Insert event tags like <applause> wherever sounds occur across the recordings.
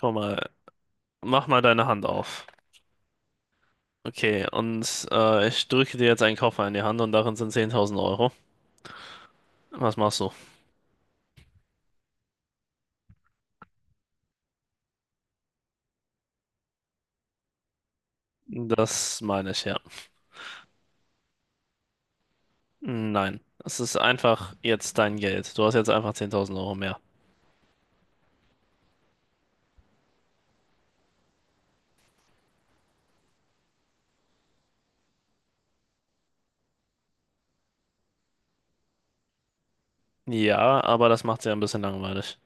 Komm mal, mach mal deine Hand auf. Okay, und ich drücke dir jetzt einen Koffer in die Hand und darin sind 10.000 Euro. Was machst du? Das meine ich, ja. Nein, es ist einfach jetzt dein Geld. Du hast jetzt einfach 10.000 € mehr. Ja, aber das macht sie ein bisschen langweilig.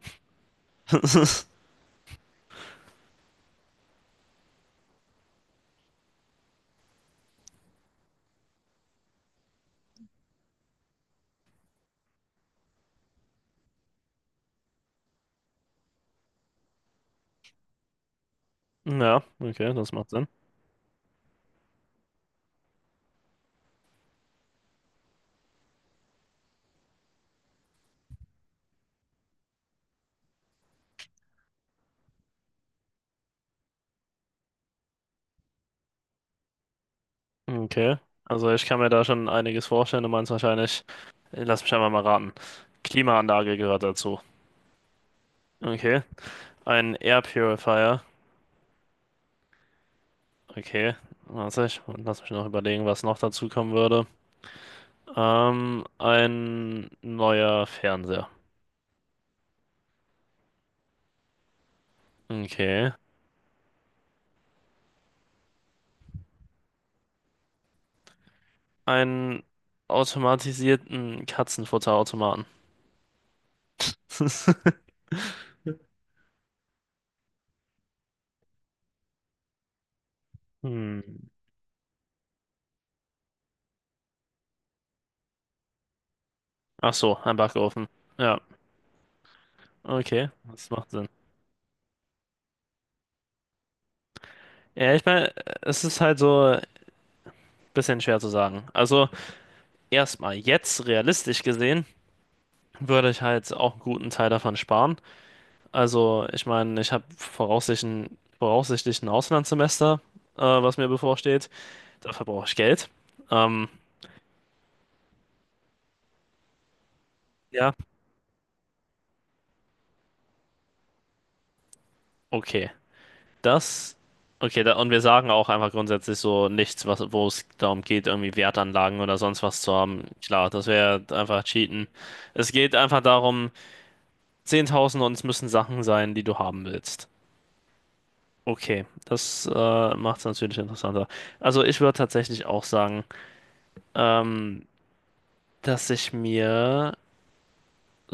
<laughs> Ja, okay, das macht Sinn. Okay, also ich kann mir da schon einiges vorstellen. Du meinst wahrscheinlich, lass mich einmal mal raten. Klimaanlage gehört dazu. Okay, ein Air Purifier. Okay, warte, ich lass mich noch überlegen, was noch dazu kommen würde. Ein neuer Fernseher. Okay. Einen automatisierten Katzenfutterautomaten. <laughs> Hm. Ach so, ein Backofen. Ja, okay, das macht Sinn. Ja, ich meine, es ist halt so ein bisschen schwer zu sagen. Also, erstmal, jetzt realistisch gesehen, würde ich halt auch einen guten Teil davon sparen. Also, ich meine, ich habe voraussichtlich, ein Auslandssemester, was mir bevorsteht. Dafür brauche ich Geld. Ähm, ja, okay. Das, okay, da, und wir sagen auch einfach grundsätzlich so nichts, was, wo es darum geht, irgendwie Wertanlagen oder sonst was zu haben. Klar, das wäre einfach Cheaten. Es geht einfach darum, 10.000 und es müssen Sachen sein, die du haben willst. Okay, das macht es natürlich interessanter. Also, ich würde tatsächlich auch sagen, ähm, dass ich mir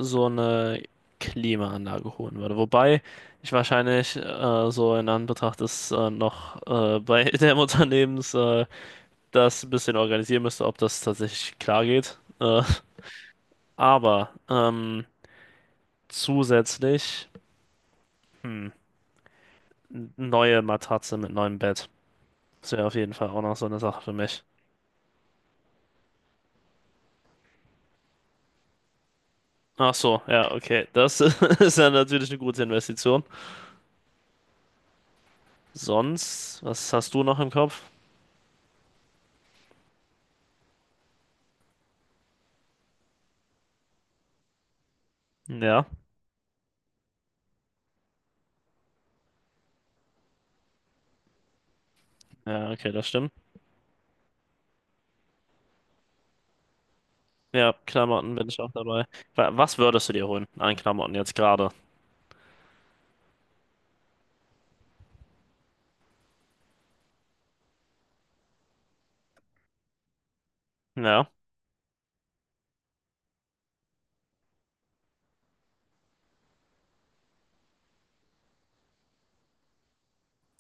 so eine Klimaanlage holen würde. Wobei ich wahrscheinlich so in Anbetracht des noch bei <laughs> dem Unternehmens das ein bisschen organisieren müsste, ob das tatsächlich klar geht. Aber zusätzlich hm, neue Matratze mit neuem Bett. Das wäre auf jeden Fall auch noch so eine Sache für mich. Ach so, ja, okay. Das <laughs> ist ja natürlich eine gute Investition. Sonst, was hast du noch im Kopf? Ja, ja, okay, das stimmt. Ja, Klamotten bin ich auch dabei. Was würdest du dir holen an Klamotten jetzt gerade? Ja,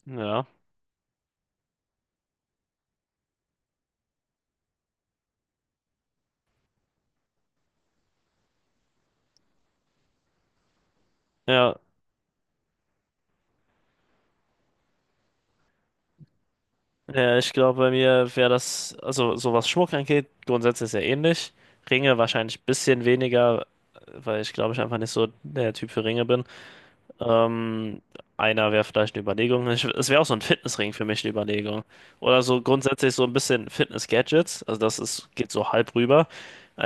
ja, ja. Ja, ich glaube, bei mir wäre das, also so was Schmuck angeht, grundsätzlich sehr ähnlich. Ringe wahrscheinlich ein bisschen weniger, weil ich glaube, ich einfach nicht so der Typ für Ringe bin. Ähm, Einer wäre vielleicht eine Überlegung. Es wäre auch so ein Fitnessring für mich eine Überlegung. Oder so grundsätzlich so ein bisschen Fitness-Gadgets. Also das ist, geht so halb rüber.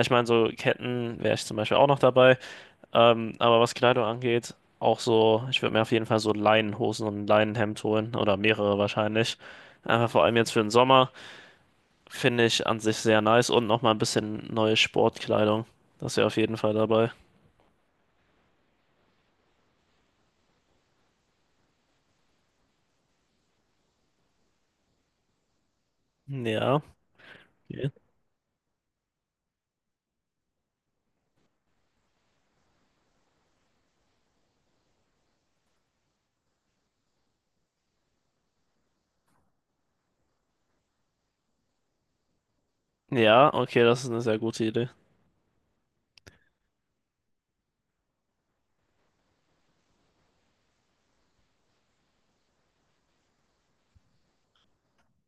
Ich meine, so Ketten wäre ich zum Beispiel auch noch dabei. Aber was Kleidung angeht, auch so, ich würde mir auf jeden Fall so Leinenhosen und ein Leinenhemd holen oder mehrere wahrscheinlich. Einfach vor allem jetzt für den Sommer finde ich an sich sehr nice und nochmal ein bisschen neue Sportkleidung. Das ist ja auf jeden Fall dabei. Ja, okay. Ja, okay, das ist eine sehr gute Idee.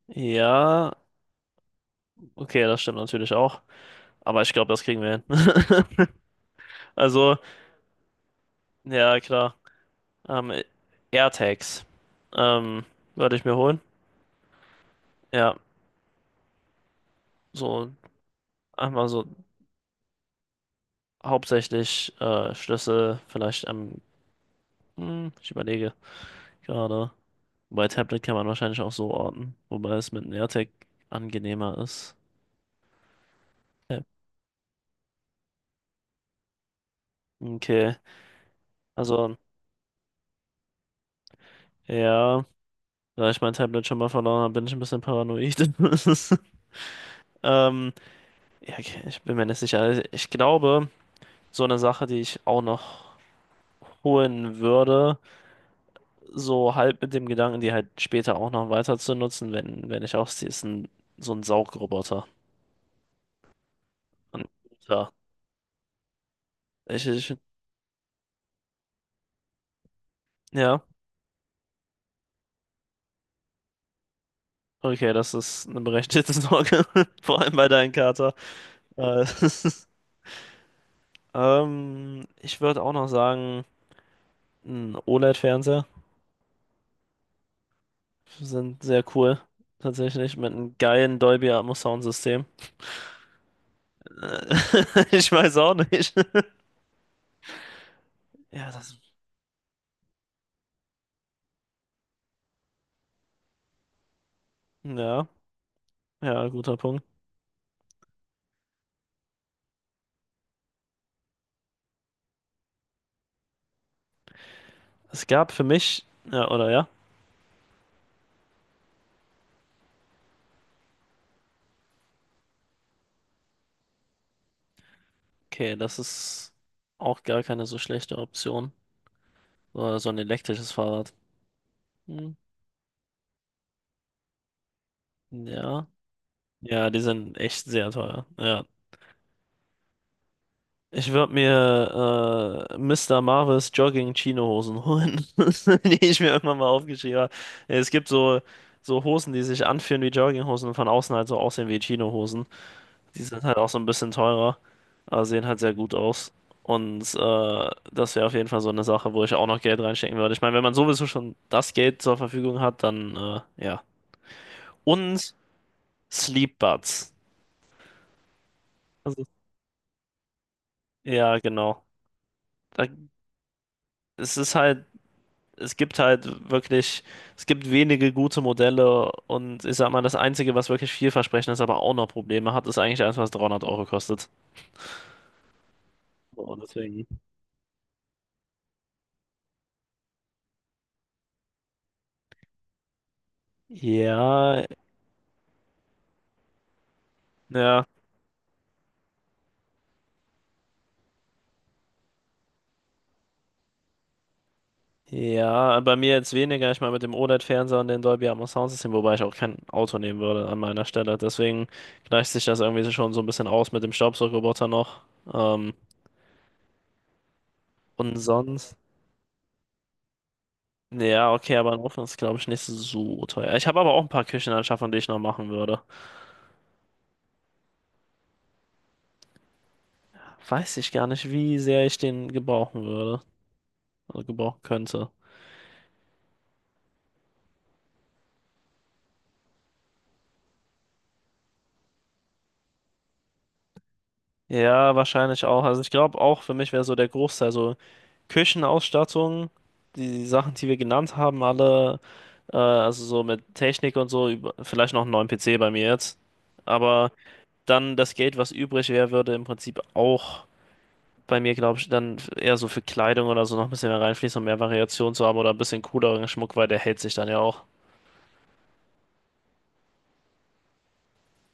Ja, okay, das stimmt natürlich auch. Aber ich glaube, das kriegen wir hin. <laughs> Also, ja, klar. Ähm, AirTags ähm, würde ich mir holen. Ja, so einfach so hauptsächlich Schlüssel, vielleicht am, ich überlege gerade. Bei Tablet kann man wahrscheinlich auch so orten, wobei es mit einem AirTag angenehmer ist. Ja. Okay, also ja, da ich mein Tablet schon mal verloren habe, bin ich ein bisschen paranoid. <laughs> Ähm, ja, okay, ich bin mir nicht sicher. Also ich glaube, so eine Sache, die ich auch noch holen würde, so halb mit dem Gedanken, die halt später auch noch weiter zu nutzen, wenn ich ausziehe, ist so ein Saugroboter. Ein guter. Ich, ich, ja, okay, das ist eine berechtigte <laughs> Sorge, vor allem bei deinem Kater. Äh, <laughs> Ich würde auch noch sagen, ein OLED-Fernseher sind sehr cool, tatsächlich, mit einem geilen Dolby Atmos Soundsystem. <laughs> Ich weiß auch nicht. Ja, das, ja, ja, guter Punkt. Es gab für mich, ja, oder ja, okay, das ist auch gar keine so schlechte Option. So ein elektrisches Fahrrad. Hm, ja. Ja, die sind echt sehr teuer. Ja. Ich würde mir Mr. Marvis Jogging-Chino-Hosen holen, <laughs> die ich mir irgendwann mal aufgeschrieben habe. Ja, es gibt so Hosen, die sich anfühlen wie Jogginghosen und von außen halt so aussehen wie Chino-Hosen. Die sind halt auch so ein bisschen teurer, aber sehen halt sehr gut aus. Und das wäre auf jeden Fall so eine Sache, wo ich auch noch Geld reinstecken würde. Ich meine, wenn man sowieso schon das Geld zur Verfügung hat, dann ja. Und Sleep Buds. Also, ja, genau. Da, es ist halt es gibt halt wirklich, es gibt wenige gute Modelle und ich sag mal, das Einzige, was wirklich vielversprechend ist, aber auch noch Probleme hat, ist eigentlich eins, was 300 € kostet. Boah, deswegen. Ja, ja, ja, bei mir jetzt weniger. Ich meine, mit dem OLED-Fernseher und dem Dolby Atmos Soundsystem, wobei ich auch kein Auto nehmen würde an meiner Stelle. Deswegen gleicht sich das irgendwie so schon so ein bisschen aus mit dem Staubsaugerroboter noch. Ähm, und sonst, ja, okay, aber ein Ofen ist, glaube ich, nicht so teuer. Ich habe aber auch ein paar Küchenanschaffungen, die ich noch machen würde. Weiß ich gar nicht, wie sehr ich den gebrauchen würde. Also gebrauchen könnte. Ja, wahrscheinlich auch. Also ich glaube auch für mich wäre so der Großteil so Küchenausstattung, die Sachen, die wir genannt haben, alle, also so mit Technik und so, über, vielleicht noch einen neuen PC bei mir jetzt. Aber dann das Geld, was übrig wäre, würde im Prinzip auch bei mir, glaube ich, dann eher so für Kleidung oder so noch ein bisschen mehr reinfließen, um mehr Variation zu haben oder ein bisschen cooleren Schmuck, weil der hält sich dann ja auch.